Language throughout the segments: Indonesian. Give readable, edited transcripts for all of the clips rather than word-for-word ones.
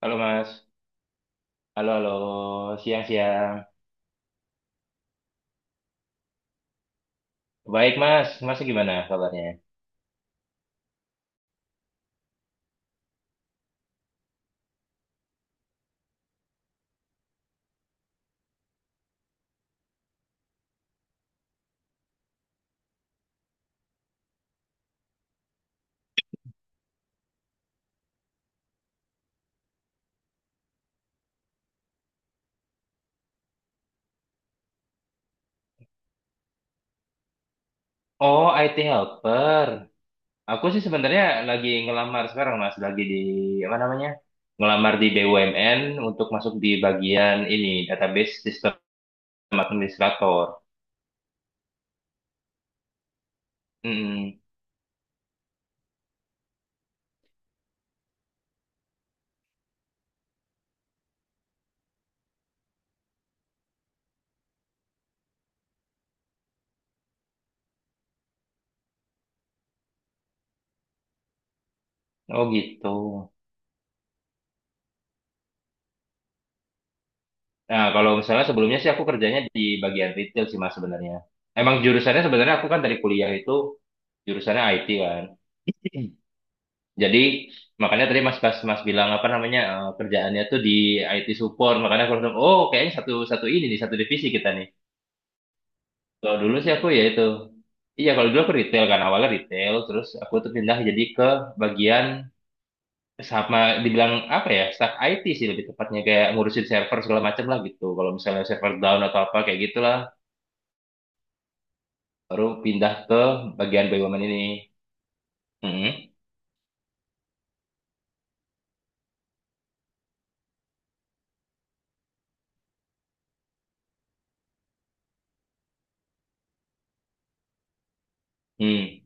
Halo Mas, halo halo, siang-siang. Baik Mas, Mas gimana kabarnya? Oh IT helper. Aku sih sebenarnya lagi ngelamar sekarang Mas, lagi di apa namanya? Ngelamar di BUMN untuk masuk di bagian ini database sistem administrator. Mm-mm. Oh gitu. Nah, kalau misalnya sebelumnya sih aku kerjanya di bagian retail sih Mas sebenarnya. Emang jurusannya sebenarnya aku kan dari kuliah itu jurusannya IT kan. Jadi makanya tadi Mas pas Mas bilang apa namanya kerjaannya tuh di IT support makanya aku langsung oh kayaknya satu satu ini nih satu divisi kita nih. Kalau dulu sih aku ya itu iya kalau dulu aku retail kan awalnya retail terus aku tuh pindah jadi ke bagian sama dibilang apa ya staff IT sih lebih tepatnya kayak ngurusin server segala macam lah gitu. Kalau misalnya server down atau apa kayak gitulah baru pindah ke bagian BUMN ini. Mm-mm. Hmm.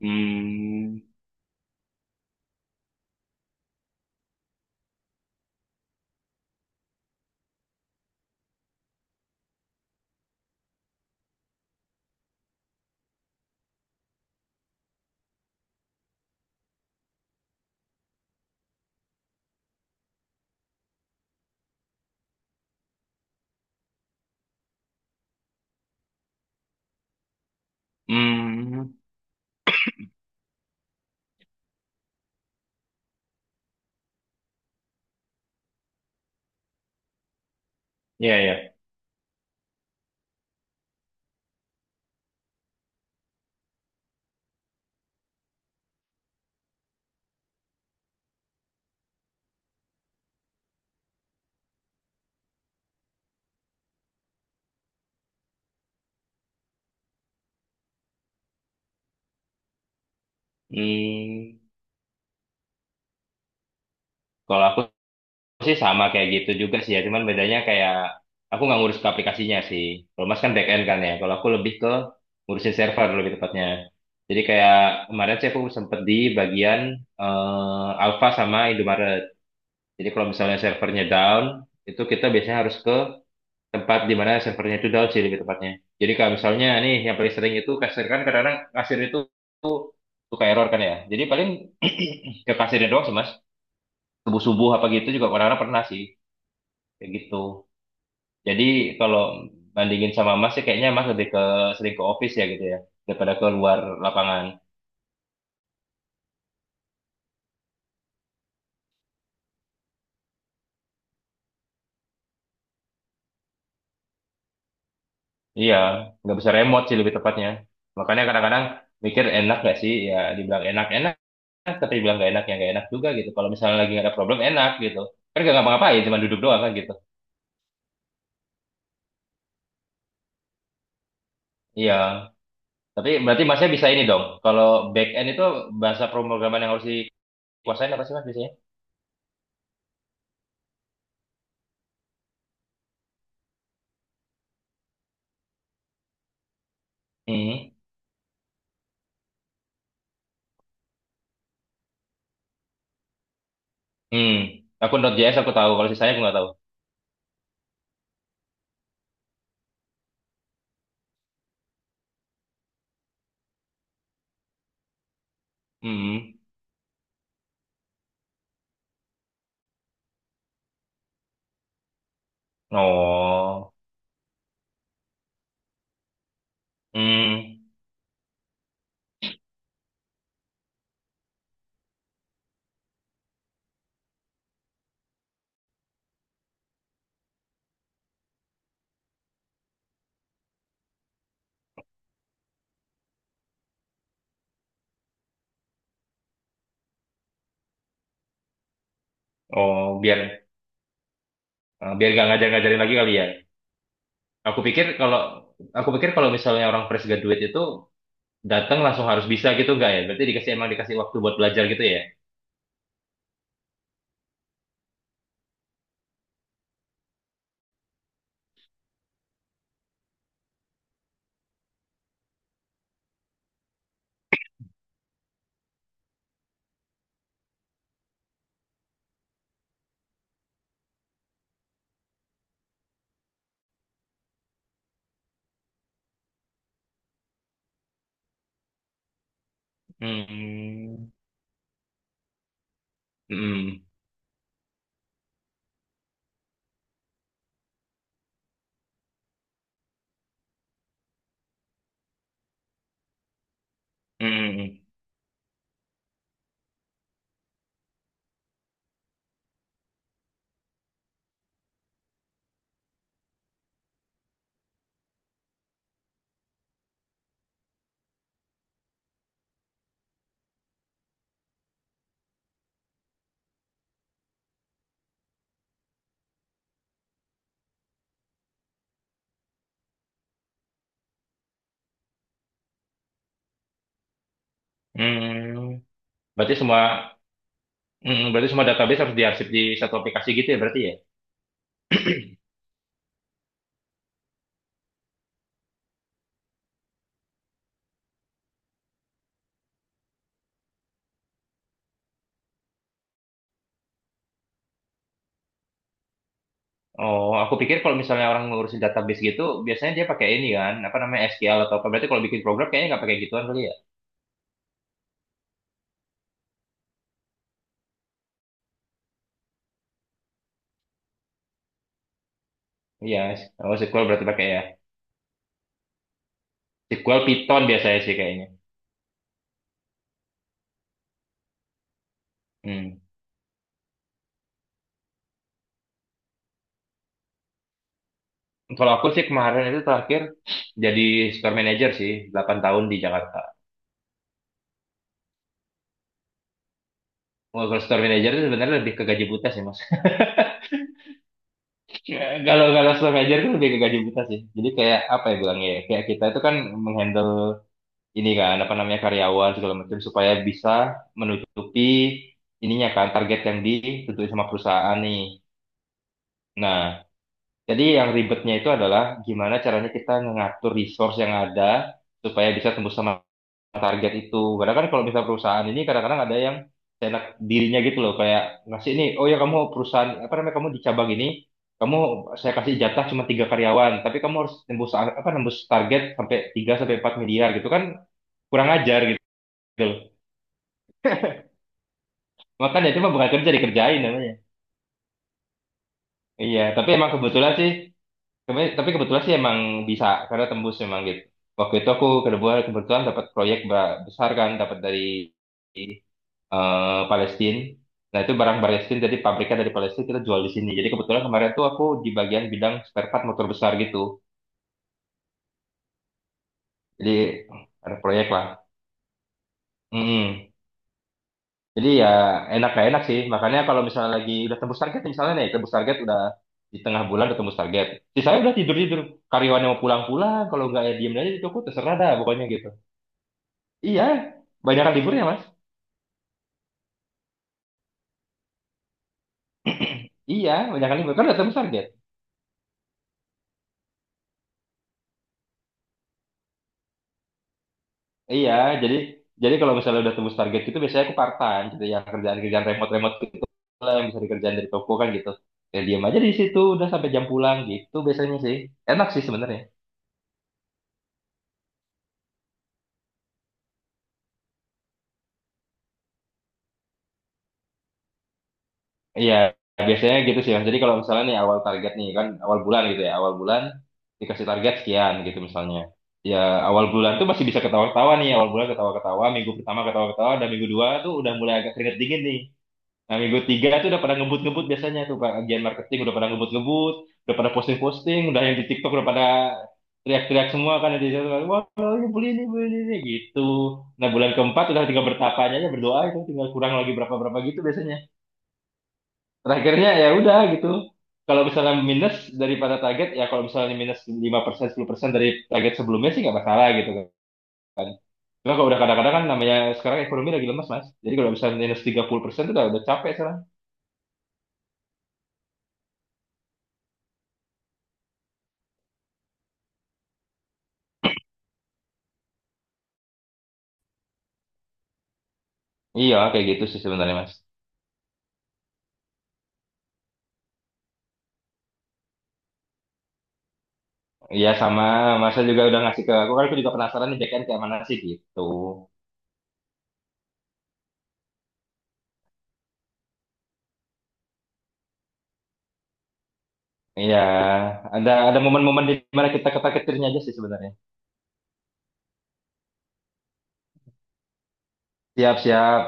Hmm. Hmm. Iya ya. Hmm. Kalau aku sih sama kayak gitu juga sih ya, cuman bedanya kayak aku nggak ngurus ke aplikasinya sih. Kalau Mas kan back end kan ya, kalau aku lebih ke ngurusin server lebih tepatnya. Jadi kayak kemarin sih aku sempet di bagian Alpha sama Indomaret. Jadi kalau misalnya servernya down, itu kita biasanya harus ke tempat di mana servernya itu down sih lebih tepatnya. Jadi kalau misalnya nih yang paling sering itu kasir kan kadang-kadang kasir itu suka error kan ya. Jadi paling ke kasirnya doang sih Mas. Subuh-subuh apa gitu juga kadang-kadang pernah sih. Kayak gitu. Jadi kalau bandingin sama Mas sih kayaknya Mas lebih ke sering ke office ya gitu ya daripada ke luar lapangan. Iya, nggak bisa remote sih lebih tepatnya. Makanya kadang-kadang mikir enak gak sih ya dibilang enak-enak tapi dibilang gak enak ya gak enak juga gitu. Kalau misalnya lagi ada problem enak gitu. Kan gak ngapa-ngapain cuma duduk doang kan gitu. Iya. Tapi berarti Masnya bisa ini dong. Kalau back end itu bahasa pemrograman yang harus dikuasain apa sih Mas biasanya? Hmm. Hmm. Aku Node.js aku tahu. Kalau sisanya aku nggak tahu. Hmm. Oh, hmm, oh, biar gak ngajar-ngajarin lagi kali ya. Aku pikir kalau aku pikir kalau misalnya orang fresh graduate itu datang langsung harus bisa gitu enggak ya? Berarti dikasih emang dikasih waktu buat belajar gitu ya? Hmm, hmm, hmm, hmm. Berarti semua, berarti semua database harus diarsip di satu aplikasi gitu ya berarti ya? Oh, aku pikir kalau misalnya orang ngurusin database gitu, biasanya dia pakai ini kan, apa namanya SQL atau apa? Berarti kalau bikin program kayaknya nggak pakai gituan kali ya? Iya, oh SQL berarti pakai ya. Sequel Python biasanya sih kayaknya. Hmm. Kalau aku sih kemarin itu terakhir jadi store manager sih, 8 tahun di Jakarta. Kalau kalau store manager itu sebenarnya lebih ke gaji buta sih, Mas. Kalau kalau store manager itu lebih ke gaji buta sih. Jadi kayak apa ya bilangnya ya? Kayak kita itu kan menghandle ini kan apa namanya karyawan segala macam supaya bisa menutupi ininya kan target yang ditentuin sama perusahaan nih. Nah, jadi yang ribetnya itu adalah gimana caranya kita mengatur resource yang ada supaya bisa tembus sama target itu. Kadang kan kalau misalnya perusahaan ini kadang-kadang ada yang seenak dirinya gitu loh, kayak ngasih ini, oh ya kamu perusahaan apa namanya kamu di cabang ini, kamu saya kasih jatah cuma tiga karyawan, tapi kamu harus nembus apa nembus target sampai 3 sampai 4 miliar gitu kan kurang ajar gitu loh. Makanya itu mah bukan kerja dikerjain namanya. Iya, tapi emang kebetulan sih, tapi kebetulan sih emang bisa karena tembus memang gitu. Waktu itu aku kebetulan kebetulan dapat proyek besar kan, dapat dari Palestina. Nah, itu barang Palestina, jadi pabriknya dari Palestina kita jual di sini. Jadi kebetulan kemarin tuh aku di bagian bidang spare part motor besar gitu. Jadi ada proyek lah. Mm-mm. Jadi ya enak gak enak sih. Makanya kalau misalnya lagi udah tembus target, misalnya nih tembus target udah di tengah bulan udah tembus target. Sisanya udah tidur-tidur. Karyawan yang mau pulang-pulang, kalau nggak ya diem aja di toko terserah dah pokoknya gitu. Iya, banyak liburnya Mas. Iya, banyak libur kan udah tembus target. Iya, jadi jadi kalau misalnya udah tembus target gitu biasanya aku part-time gitu ya kerjaan-kerjaan remote-remote gitu lah yang bisa dikerjain dari toko kan gitu. Ya diam aja di situ udah sampai jam pulang gitu biasanya sih. Enak sih sebenarnya. Iya, biasanya gitu sih Mas. Jadi kalau misalnya nih awal target nih kan awal bulan gitu ya, awal bulan dikasih target sekian gitu misalnya. Ya awal bulan tuh masih bisa ketawa-ketawa nih, awal bulan ketawa-ketawa, minggu pertama ketawa-ketawa, dan minggu dua tuh udah mulai agak keringet dingin nih. Nah, minggu tiga itu udah pada ngebut-ngebut biasanya tuh Pak. Bagian marketing udah pada ngebut-ngebut, udah pada posting-posting, udah yang di TikTok udah pada teriak-teriak semua kan di situ kan. Wah, ini beli ini, beli ini gitu. Nah, bulan keempat udah tinggal bertapanya aja berdoa itu tinggal kurang lagi berapa-berapa gitu biasanya. Terakhirnya ya udah gitu. Kalau misalnya minus daripada target, ya kalau misalnya minus 5%, 10% dari target sebelumnya sih nggak masalah gitu kan. Cuma kalau udah kadang-kadang kan namanya sekarang ekonomi lagi lemas, Mas. Jadi kalau misalnya minus 30% itu udah capek sekarang. Iya, kayak gitu sih sebenarnya, Mas. Iya sama, masa juga udah ngasih ke aku kan aku juga penasaran nih BKN kayak mana sih gitu. Iya, ada momen-momen di mana kita ketar-ketirnya aja sih sebenarnya. Siap-siap,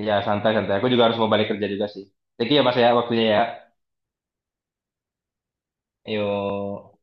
iya santai-santai. Aku juga harus mau balik kerja juga sih. Jadi ya Mas ya waktunya ya. Yuk.